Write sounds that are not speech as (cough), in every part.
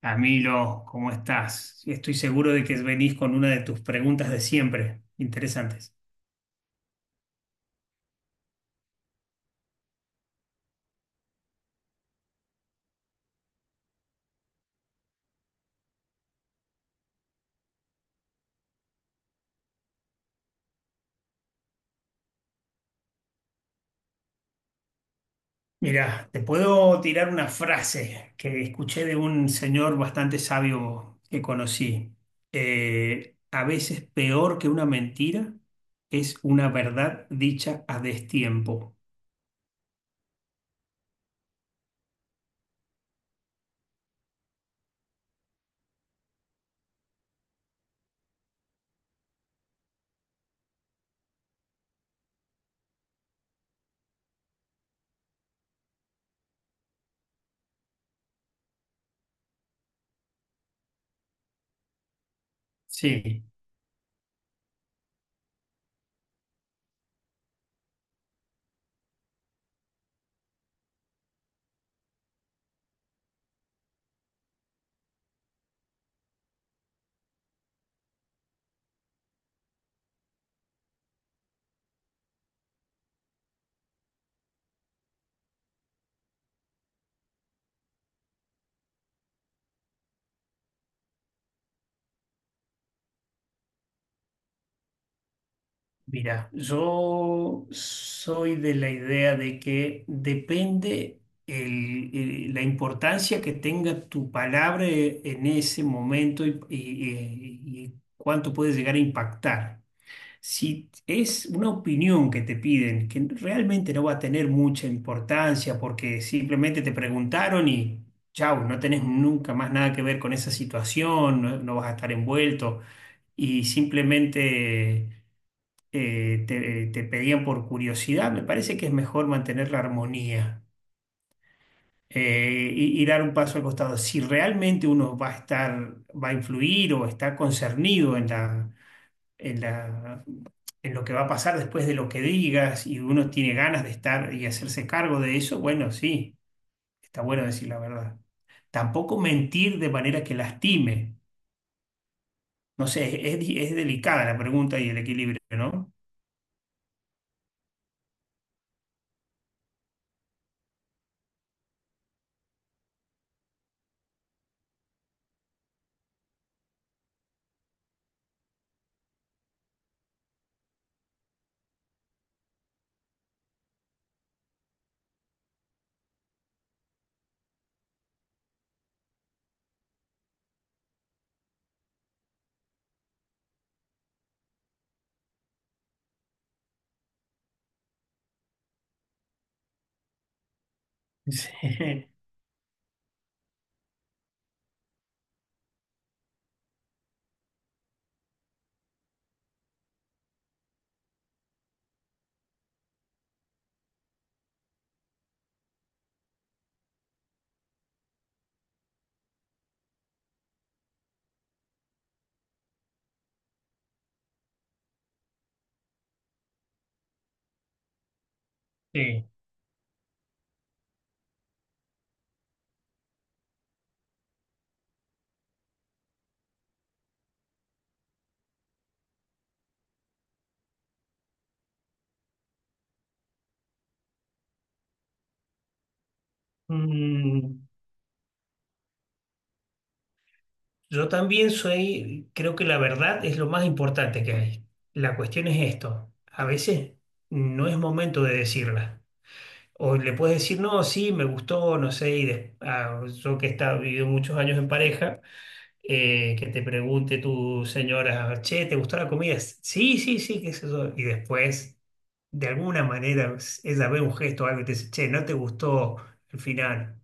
Camilo, ¿cómo estás? Sí, estoy seguro de que venís con una de tus preguntas de siempre, interesantes. Mira, te puedo tirar una frase que escuché de un señor bastante sabio que conocí. A veces peor que una mentira es una verdad dicha a destiempo. Sí. Mira, yo soy de la idea de que depende la importancia que tenga tu palabra en ese momento y, y cuánto puede llegar a impactar. Si es una opinión que te piden, que realmente no va a tener mucha importancia porque simplemente te preguntaron y chau, no tenés nunca más nada que ver con esa situación, no vas a estar envuelto y simplemente te pedían por curiosidad, me parece que es mejor mantener la armonía, y dar un paso al costado. Si realmente uno va a estar, va a influir o está concernido en en la, lo que va a pasar después de lo que digas y uno tiene ganas de estar y hacerse cargo de eso, bueno, sí, está bueno decir la verdad. Tampoco mentir de manera que lastime. No sé, es delicada la pregunta y el equilibrio, ¿no? (laughs) Sí. Sí. Mm, yo también soy, creo que la verdad es lo más importante que hay. La cuestión es esto. A veces no es momento de decirla. O le puedes decir, no, sí, me gustó, no sé, yo que he estado, vivido muchos años en pareja, que te pregunte tu señora, che, ¿te gustó la comida? Sí, sí, sí, qué sé yo. Y después, de alguna manera, ella ve un gesto o algo y te dice, che, no te gustó al final.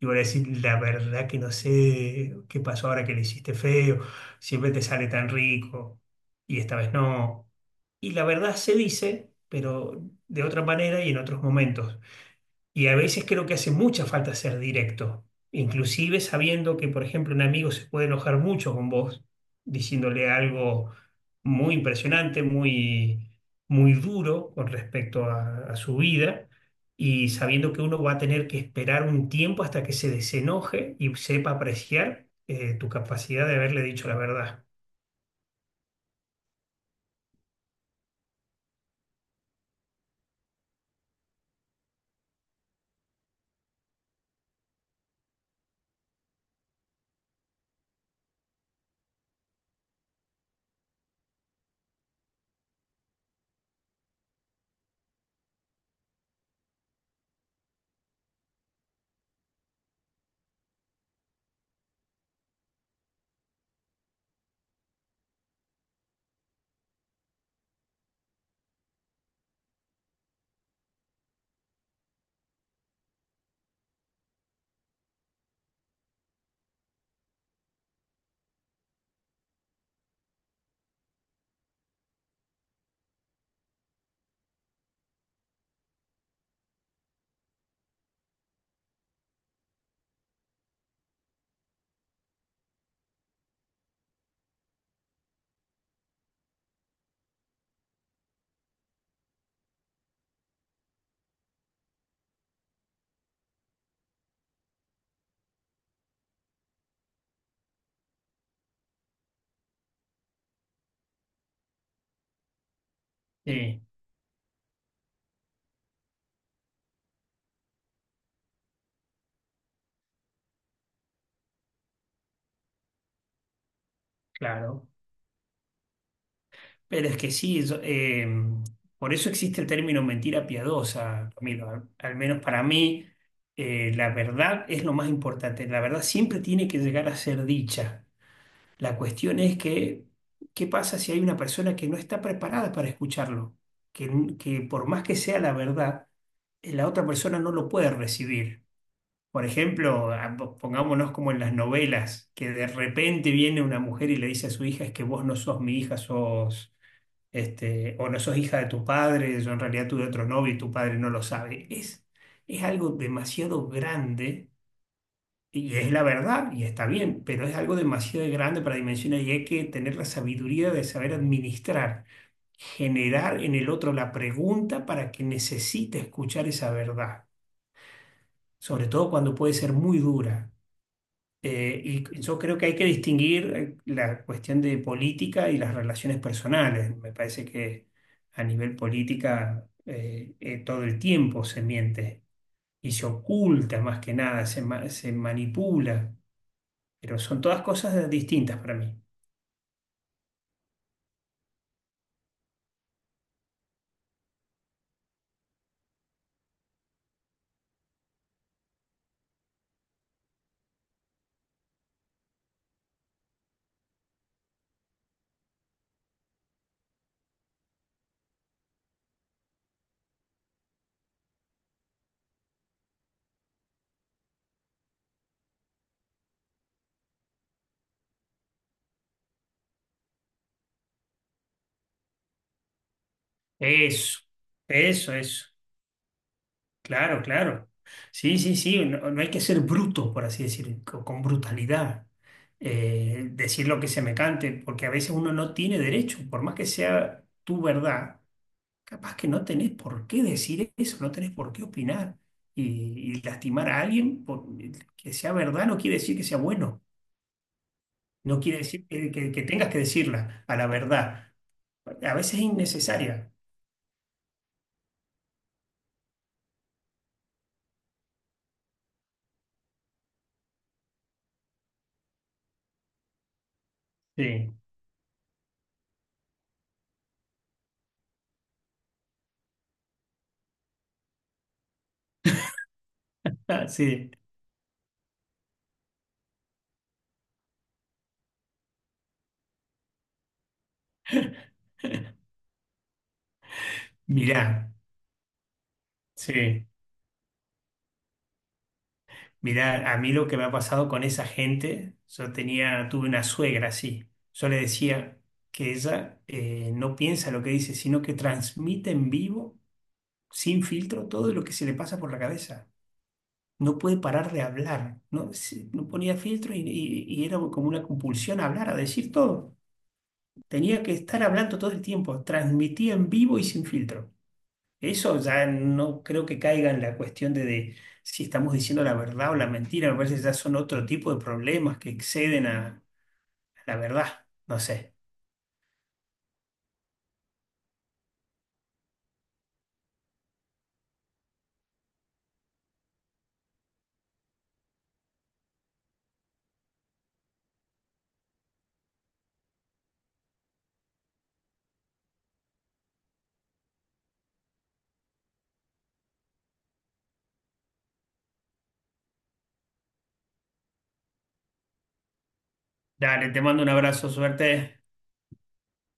Y voy a decir, la verdad que no sé qué pasó ahora que le hiciste feo, siempre te sale tan rico y esta vez no. Y la verdad se dice, pero de otra manera y en otros momentos. Y a veces creo que hace mucha falta ser directo, inclusive sabiendo que, por ejemplo, un amigo se puede enojar mucho con vos, diciéndole algo muy impresionante, muy, muy duro con respecto a su vida, y sabiendo que uno va a tener que esperar un tiempo hasta que se desenoje y sepa apreciar tu capacidad de haberle dicho la verdad. Sí, claro. Pero es que sí, por eso existe el término mentira piadosa, Camilo. Al, al menos para mí, la verdad es lo más importante. La verdad siempre tiene que llegar a ser dicha. La cuestión es que, ¿qué pasa si hay una persona que no está preparada para escucharlo? Que, que por más que sea la verdad, la otra persona no lo puede recibir. Por ejemplo, pongámonos como en las novelas, que de repente viene una mujer y le dice a su hija, es que vos no sos mi hija, sos este, o no sos hija de tu padre, yo en realidad tuve otro novio y tu padre no lo sabe. Es algo demasiado grande y es la verdad y está bien, pero es algo demasiado grande para dimensionar y hay que tener la sabiduría de saber administrar, generar en el otro la pregunta para que necesite escuchar esa verdad, sobre todo cuando puede ser muy dura. Y yo creo que hay que distinguir la cuestión de política y las relaciones personales. Me parece que a nivel política todo el tiempo se miente y se oculta, más que nada se manipula, pero son todas cosas distintas para mí. Eso, eso, eso. Claro, claro. Sí, sí, sí, no, no hay que ser bruto, por así decir, con brutalidad. Decir lo que se me cante, porque a veces uno no tiene derecho, por más que sea tu verdad, capaz que no tenés por qué decir eso, no tenés por qué opinar y, y lastimar a alguien que sea verdad no quiere decir que sea bueno, no quiere decir que, que tengas que decirla a la verdad. A veces es innecesaria. Sí, ah, mirá, sí. Mirá, a mí lo que me ha pasado con esa gente, yo tenía, tuve una suegra así. Yo le decía que ella no piensa lo que dice, sino que transmite en vivo, sin filtro, todo lo que se le pasa por la cabeza. No puede parar de hablar, no, no ponía filtro y, y era como una compulsión a hablar, a decir todo. Tenía que estar hablando todo el tiempo, transmitía en vivo y sin filtro. Eso ya no creo que caiga en la cuestión de si estamos diciendo la verdad o la mentira. Me parece que ya son otro tipo de problemas que exceden a la verdad. No sé. Dale, te mando un abrazo, suerte.